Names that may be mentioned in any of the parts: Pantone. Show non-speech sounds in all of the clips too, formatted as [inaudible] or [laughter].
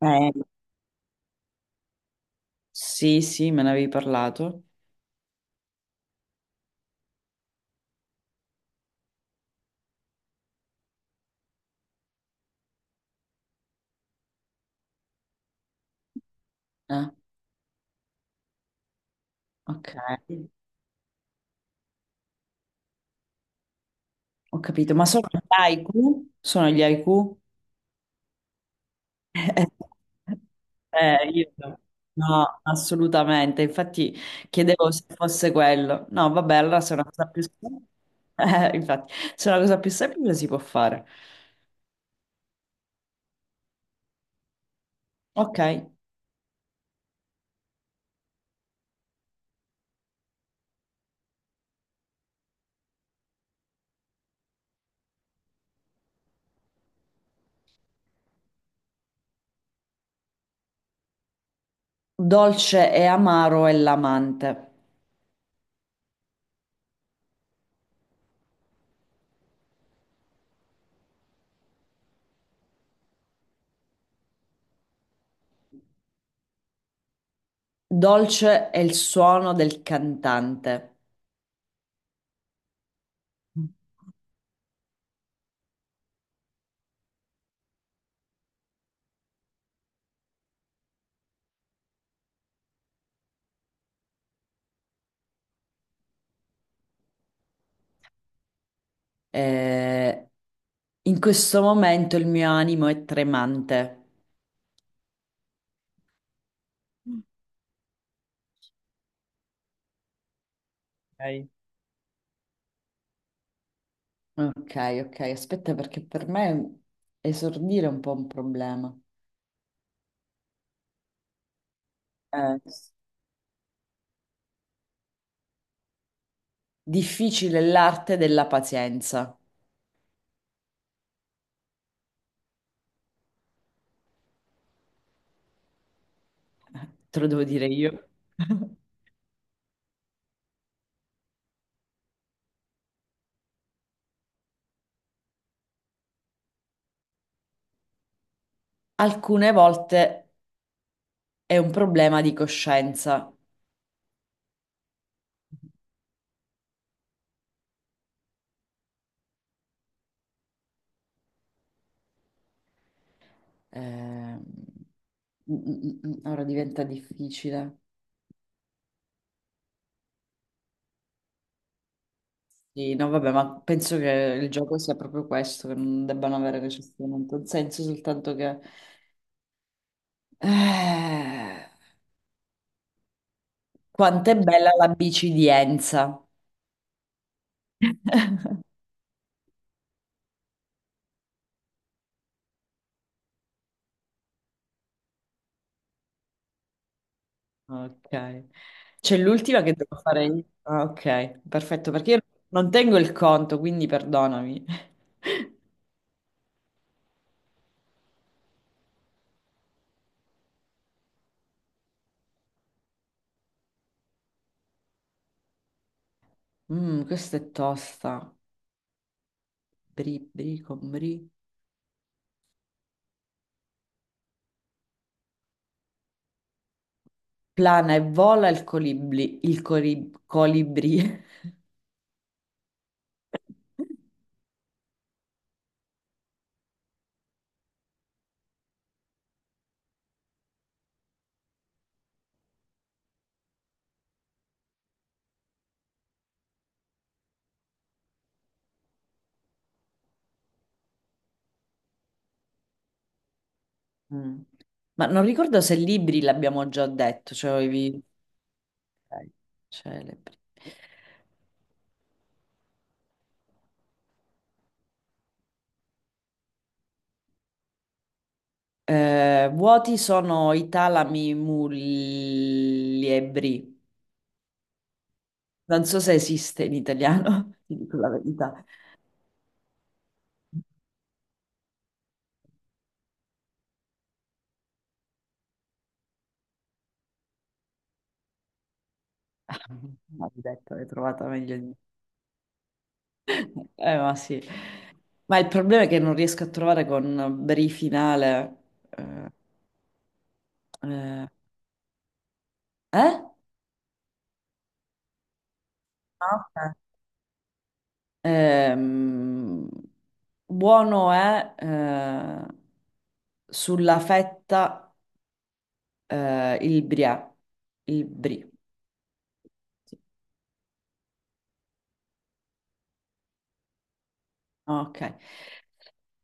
Eh, sì, sì, me ne avevi parlato. Ah, ok, ho capito. Ma sono gli haiku? Sono gli haiku? [laughs] Io no. No, assolutamente. Infatti chiedevo se fosse quello. No, vabbè, allora se è una cosa più semplice, [laughs] infatti, se è una cosa più semplice si può fare. Ok. Dolce e amaro è l'amante. Dolce è il suono del cantante. Eh, In questo momento il mio animo è tremante. Ok. Ok, ok, aspetta perché per me esordire è un po' un problema. Eh, Difficile è l'arte della pazienza. [laughs] Te lo devo dire io. [laughs] Alcune volte è un problema di coscienza. Eh, mm, Ora diventa difficile. Sì, no, vabbè, ma penso che il gioco sia proprio questo, che non debbano avere necessariamente un senso, soltanto che... Eh, quanto è bella la bicidienza. [laughs] Ok. C'è l'ultima che devo fare io. Ah, ok, perfetto, perché io non tengo il conto, quindi perdonami. [laughs] Mm, questa è tosta. Bri, bri, con bri. Plana e vola il colibri. Il colibri. [laughs] Mm. Ma non ricordo se libri l'abbiamo già detto, cioè ok, celebri. Vuoti sono i talami muliebri. Non so se esiste in italiano, [laughs] ti dico la verità. [laughs] Ma ti ho detto, l'hai trovata meglio di me. [laughs] Ma sì. Ma il problema è che non riesco a trovare con brifinale. Eh? Eh? Eh? Ah, ok. Ehm, buono è sulla fetta, il brie. Il brie. Sì. Ok.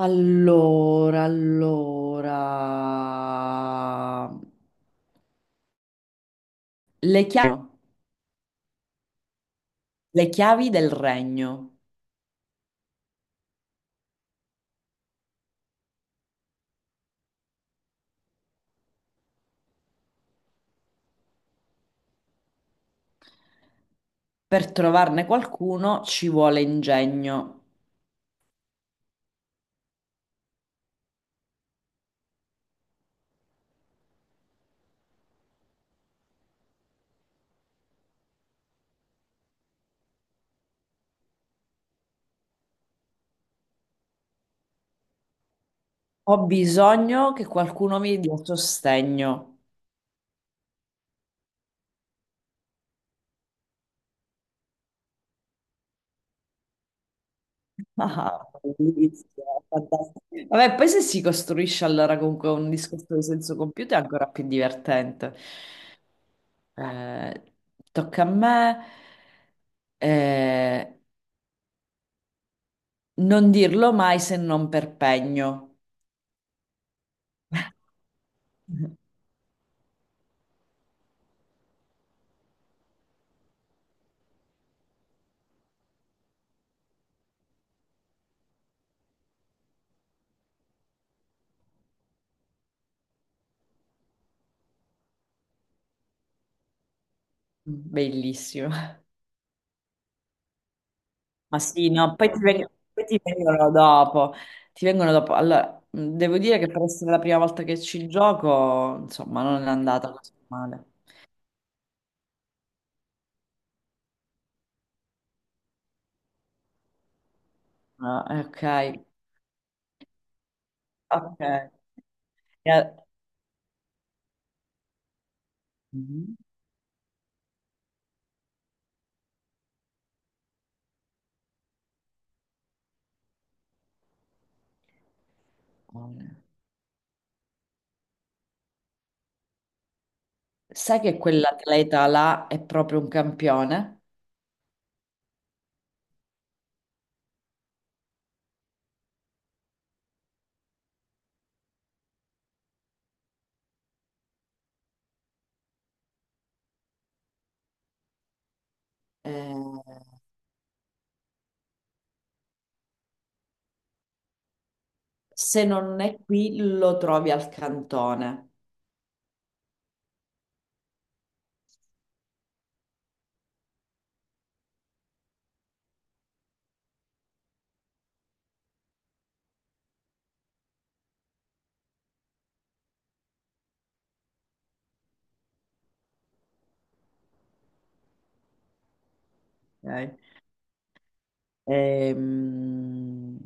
Allora, allora. Le chiavi, le chiavi del regno. Per trovarne qualcuno ci vuole ingegno. Ho bisogno che qualcuno mi dia sostegno. Ah, bellissimo, fantastico. Vabbè, poi se si costruisce allora comunque un discorso di senso compiuto è ancora più divertente. Eh, tocca a me, eh, non dirlo mai se non per pegno. [laughs] Bellissimo. Ma sì, no, poi poi ti vengono, dopo. Ti vengono dopo. Allora, devo dire che per essere la prima volta che ci gioco, insomma, non è andata così male. Ah, ok, ok. E- Mhm. Sai che quell'atleta là è proprio un campione? Eh, se non è qui, lo trovi al cantone. Ok. Ehm,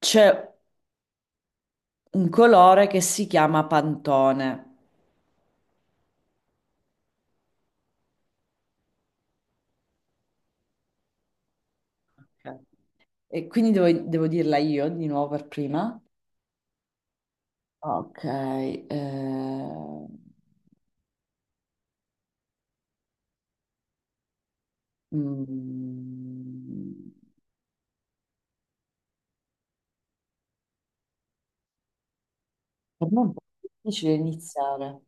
c'è un colore che si chiama Pantone. Ok. E quindi devo dirla io di nuovo per prima. Ok. Mm, per me è un po' difficile iniziare.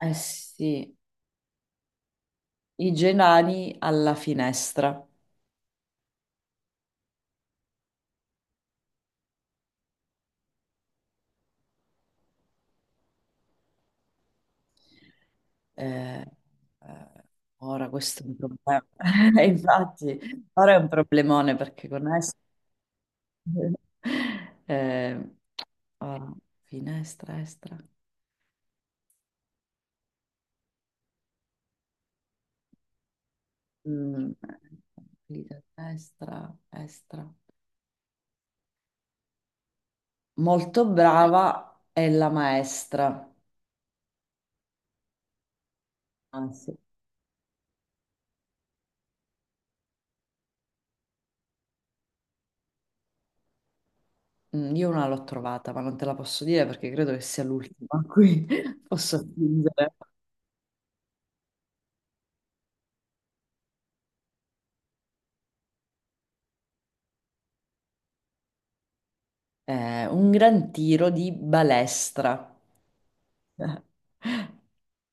Eh sì. I genani alla finestra. Eh, eh, ora questo è un problema. [laughs] E infatti, ora è un problemone perché con est... [laughs] eh, ora, finestra, estra, mm, vita, destra, estra. Molto brava è la maestra. Anzi, io una l'ho trovata, ma non te la posso dire perché credo che sia l'ultima, qui [laughs] posso fingere. Eh, un gran tiro di balestra. [laughs]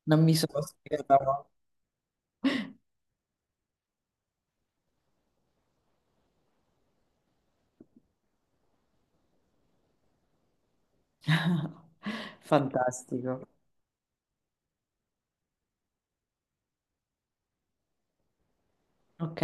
Non mi sono spiegata. [laughs] Fantastico. Ok.